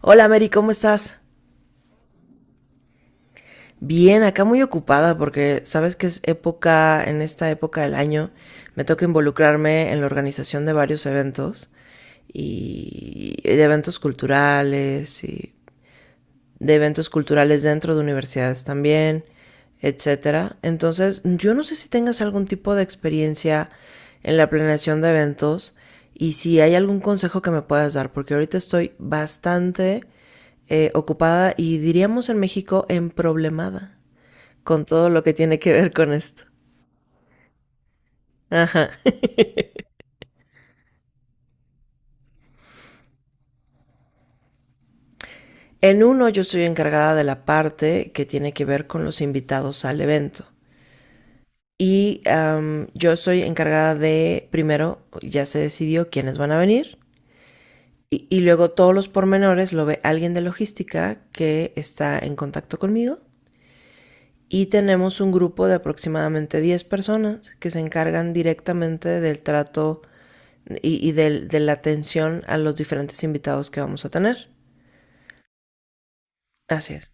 Hola Mary, ¿cómo estás? Bien, acá muy ocupada porque sabes que es época, en esta época del año, me toca involucrarme en la organización de varios eventos y de eventos culturales y de eventos culturales dentro de universidades también, etcétera. Entonces, yo no sé si tengas algún tipo de experiencia en la planeación de eventos y si hay algún consejo que me puedas dar, porque ahorita estoy bastante ocupada y diríamos en México emproblemada con todo lo que tiene que ver con esto. Ajá. En uno yo estoy encargada de la parte que tiene que ver con los invitados al evento. Y yo soy encargada de, primero, ya se decidió quiénes van a venir. Y luego todos los pormenores lo ve alguien de logística que está en contacto conmigo. Y tenemos un grupo de aproximadamente 10 personas que se encargan directamente del trato y de la atención a los diferentes invitados que vamos a tener. Así es.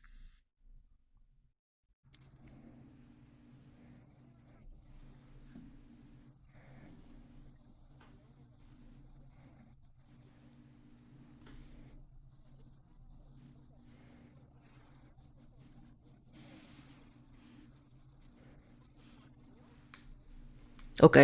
Ok.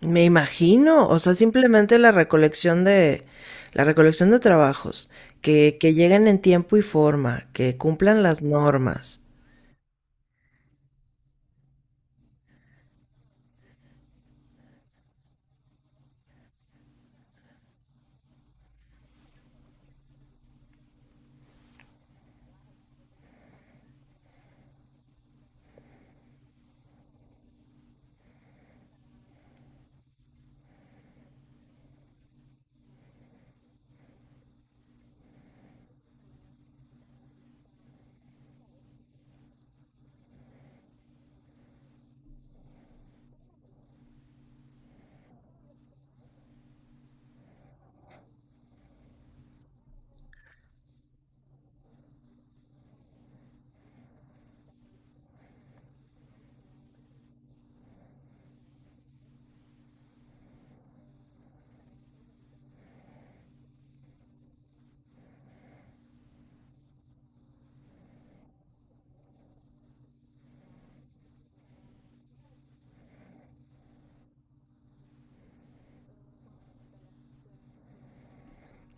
Me imagino, o sea, simplemente la recolección de trabajos que lleguen en tiempo y forma, que cumplan las normas.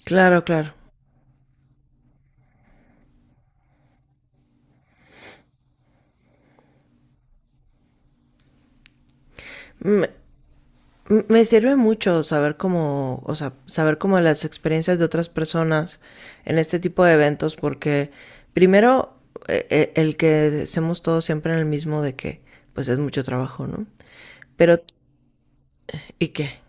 Claro, claro. Me, me sirve mucho saber cómo, o sea, saber cómo las experiencias de otras personas en este tipo de eventos, porque primero el que hacemos todos siempre en el mismo de que, pues es mucho trabajo, ¿no? Pero, ¿y qué?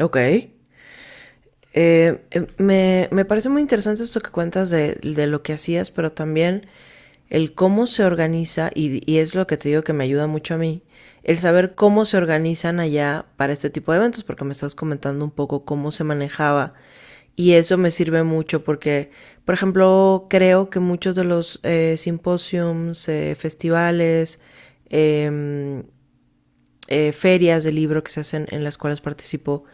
Ok. Me parece muy interesante esto que cuentas de lo que hacías, pero también el cómo se organiza, y es lo que te digo que me ayuda mucho a mí, el saber cómo se organizan allá para este tipo de eventos, porque me estás comentando un poco cómo se manejaba. Y eso me sirve mucho porque, por ejemplo, creo que muchos de los simposiums, festivales, em, ferias de libro que se hacen en las cuales participo,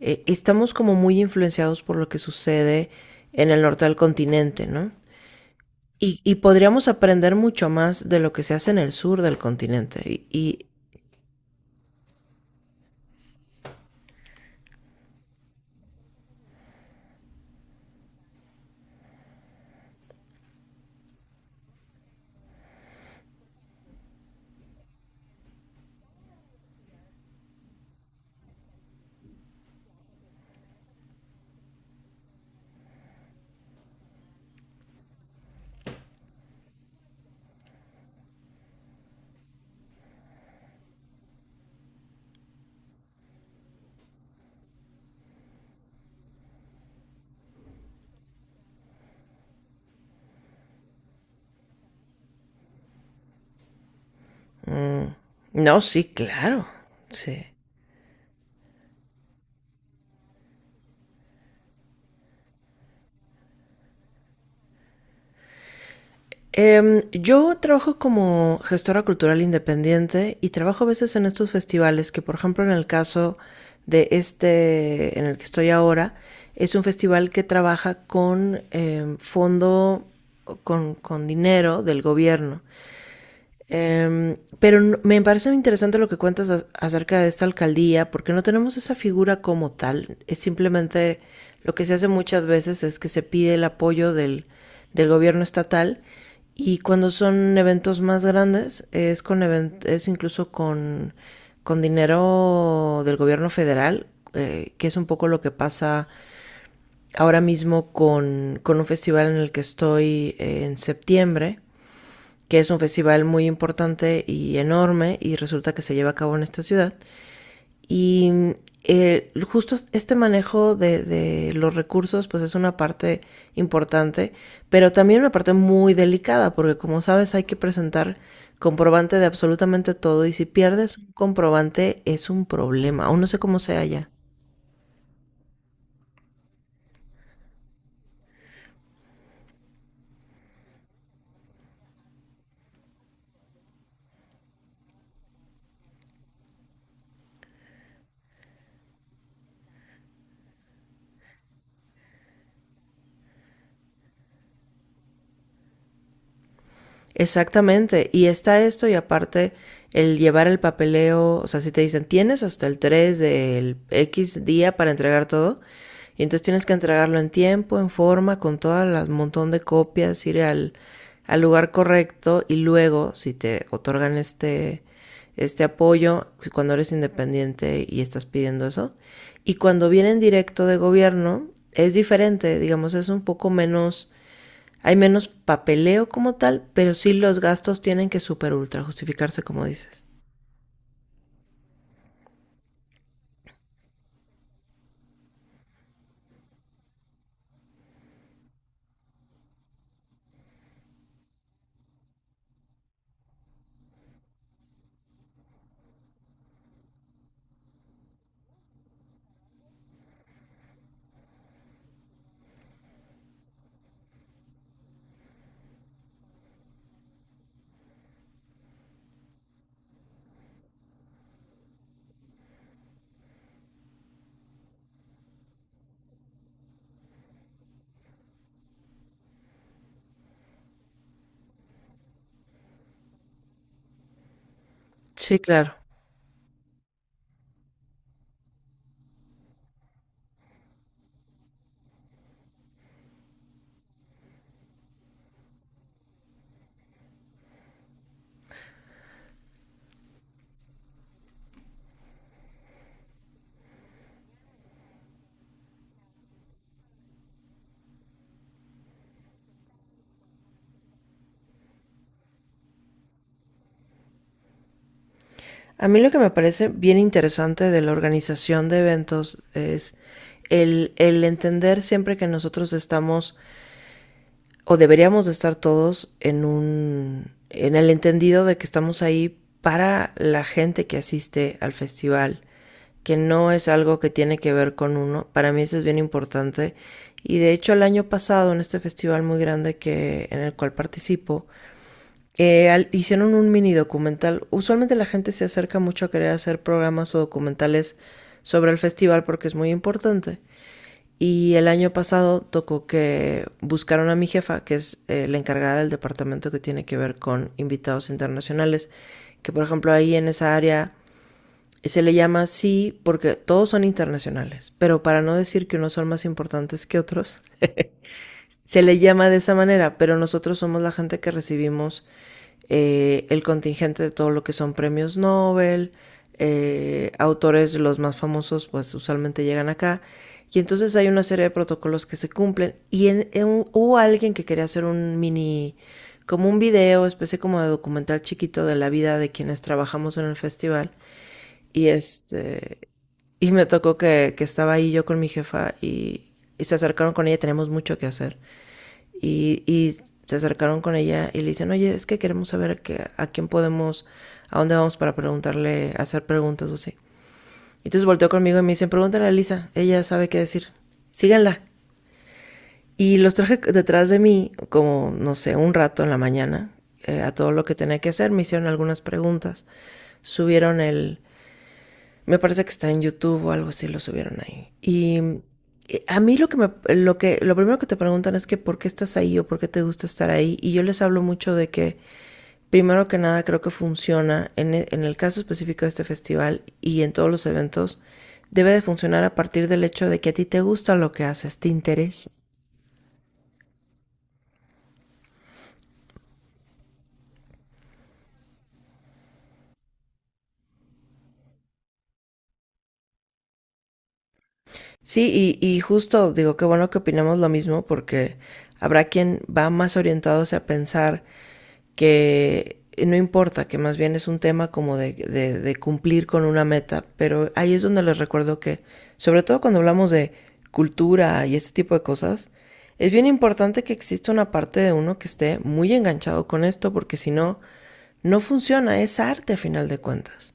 estamos como muy influenciados por lo que sucede en el norte del continente, ¿no? Y podríamos aprender mucho más de lo que se hace en el sur del continente. Y no, sí, claro, sí. Yo trabajo como gestora cultural independiente y trabajo a veces en estos festivales que, por ejemplo, en el caso de este en el que estoy ahora, es un festival que trabaja con fondo, con dinero del gobierno. Pero me parece muy interesante lo que cuentas acerca de esta alcaldía, porque no tenemos esa figura como tal. Es simplemente lo que se hace muchas veces es que se pide el apoyo del gobierno estatal y cuando son eventos más grandes es con es incluso con dinero del gobierno federal, que es un poco lo que pasa ahora mismo con un festival en el que estoy en septiembre que es un festival muy importante y enorme y resulta que se lleva a cabo en esta ciudad. Y justo este manejo de los recursos pues es una parte importante, pero también una parte muy delicada porque como sabes hay que presentar comprobante de absolutamente todo y si pierdes un comprobante es un problema, aún no sé cómo sea allá. Exactamente, y está esto y aparte el llevar el papeleo, o sea, si te dicen tienes hasta el 3 del X día para entregar todo, y entonces tienes que entregarlo en tiempo, en forma, con todas las montón de copias, ir al lugar correcto y luego si te otorgan este, este apoyo, si cuando eres independiente y estás pidiendo eso, y cuando vienen directo de gobierno es diferente, digamos, es un poco menos, hay menos papeleo como tal, pero sí los gastos tienen que super ultra justificarse, como dices. Sí, claro. A mí lo que me parece bien interesante de la organización de eventos es el entender siempre que nosotros estamos o deberíamos de estar todos en un en el entendido de que estamos ahí para la gente que asiste al festival, que no es algo que tiene que ver con uno. Para mí eso es bien importante. Y de hecho el año pasado en este festival muy grande que en el cual participo, hicieron un mini documental. Usualmente la gente se acerca mucho a querer hacer programas o documentales sobre el festival porque es muy importante. Y el año pasado tocó que buscaron a mi jefa, que es la encargada del departamento que tiene que ver con invitados internacionales, que por ejemplo ahí en esa área se le llama así porque todos son internacionales, pero para no decir que unos son más importantes que otros, se le llama de esa manera, pero nosotros somos la gente que recibimos el contingente de todo lo que son premios Nobel, autores los más famosos pues usualmente llegan acá. Y entonces hay una serie de protocolos que se cumplen. Y hubo alguien que quería hacer un mini, como un video, especie como de documental chiquito de la vida de quienes trabajamos en el festival. Y este, y me tocó que estaba ahí yo con mi jefa y se acercaron con ella, tenemos mucho que hacer. Y se acercaron con ella y le dicen, oye, es que queremos saber que, a quién podemos, a dónde vamos para preguntarle, hacer preguntas o así. Entonces volteó conmigo y me dicen, pregúntale a Lisa, ella sabe qué decir, síganla. Y los traje detrás de mí, como, no sé, un rato en la mañana, a todo lo que tenía que hacer, me hicieron algunas preguntas, subieron el, me parece que está en YouTube o algo así, lo subieron ahí. Y a mí lo que me, lo que, lo primero que te preguntan es que por qué estás ahí o por qué te gusta estar ahí. Y yo les hablo mucho de que, primero que nada, creo que funciona en el caso específico de este festival y en todos los eventos, debe de funcionar a partir del hecho de que a ti te gusta lo que haces, te interesa. Sí, y justo digo, qué bueno que opinamos lo mismo porque habrá quien va más orientado a pensar que no importa, que más bien es un tema como de cumplir con una meta, pero ahí es donde les recuerdo que, sobre todo cuando hablamos de cultura y este tipo de cosas, es bien importante que exista una parte de uno que esté muy enganchado con esto porque si no, no funciona, es arte a final de cuentas.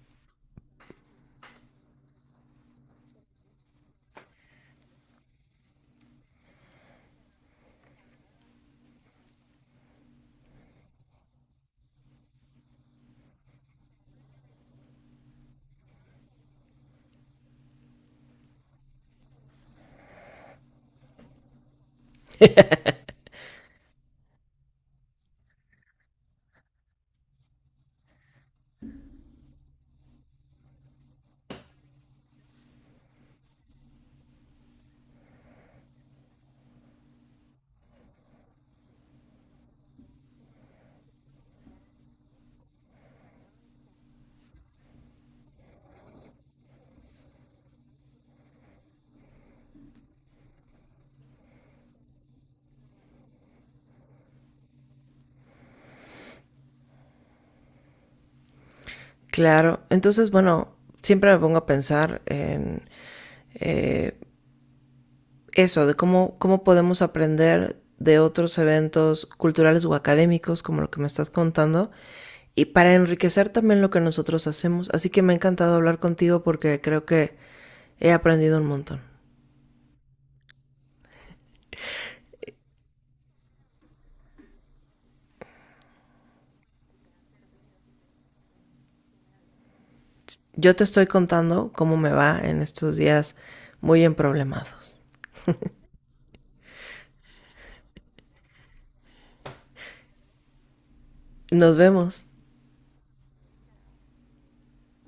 Claro, entonces bueno, siempre me pongo a pensar en eh, eso, de cómo, cómo podemos aprender de otros eventos culturales o académicos, como lo que me estás contando, y para enriquecer también lo que nosotros hacemos. Así que me ha encantado hablar contigo porque creo que he aprendido un montón. Yo te estoy contando cómo me va en estos días muy emproblemados. Nos vemos.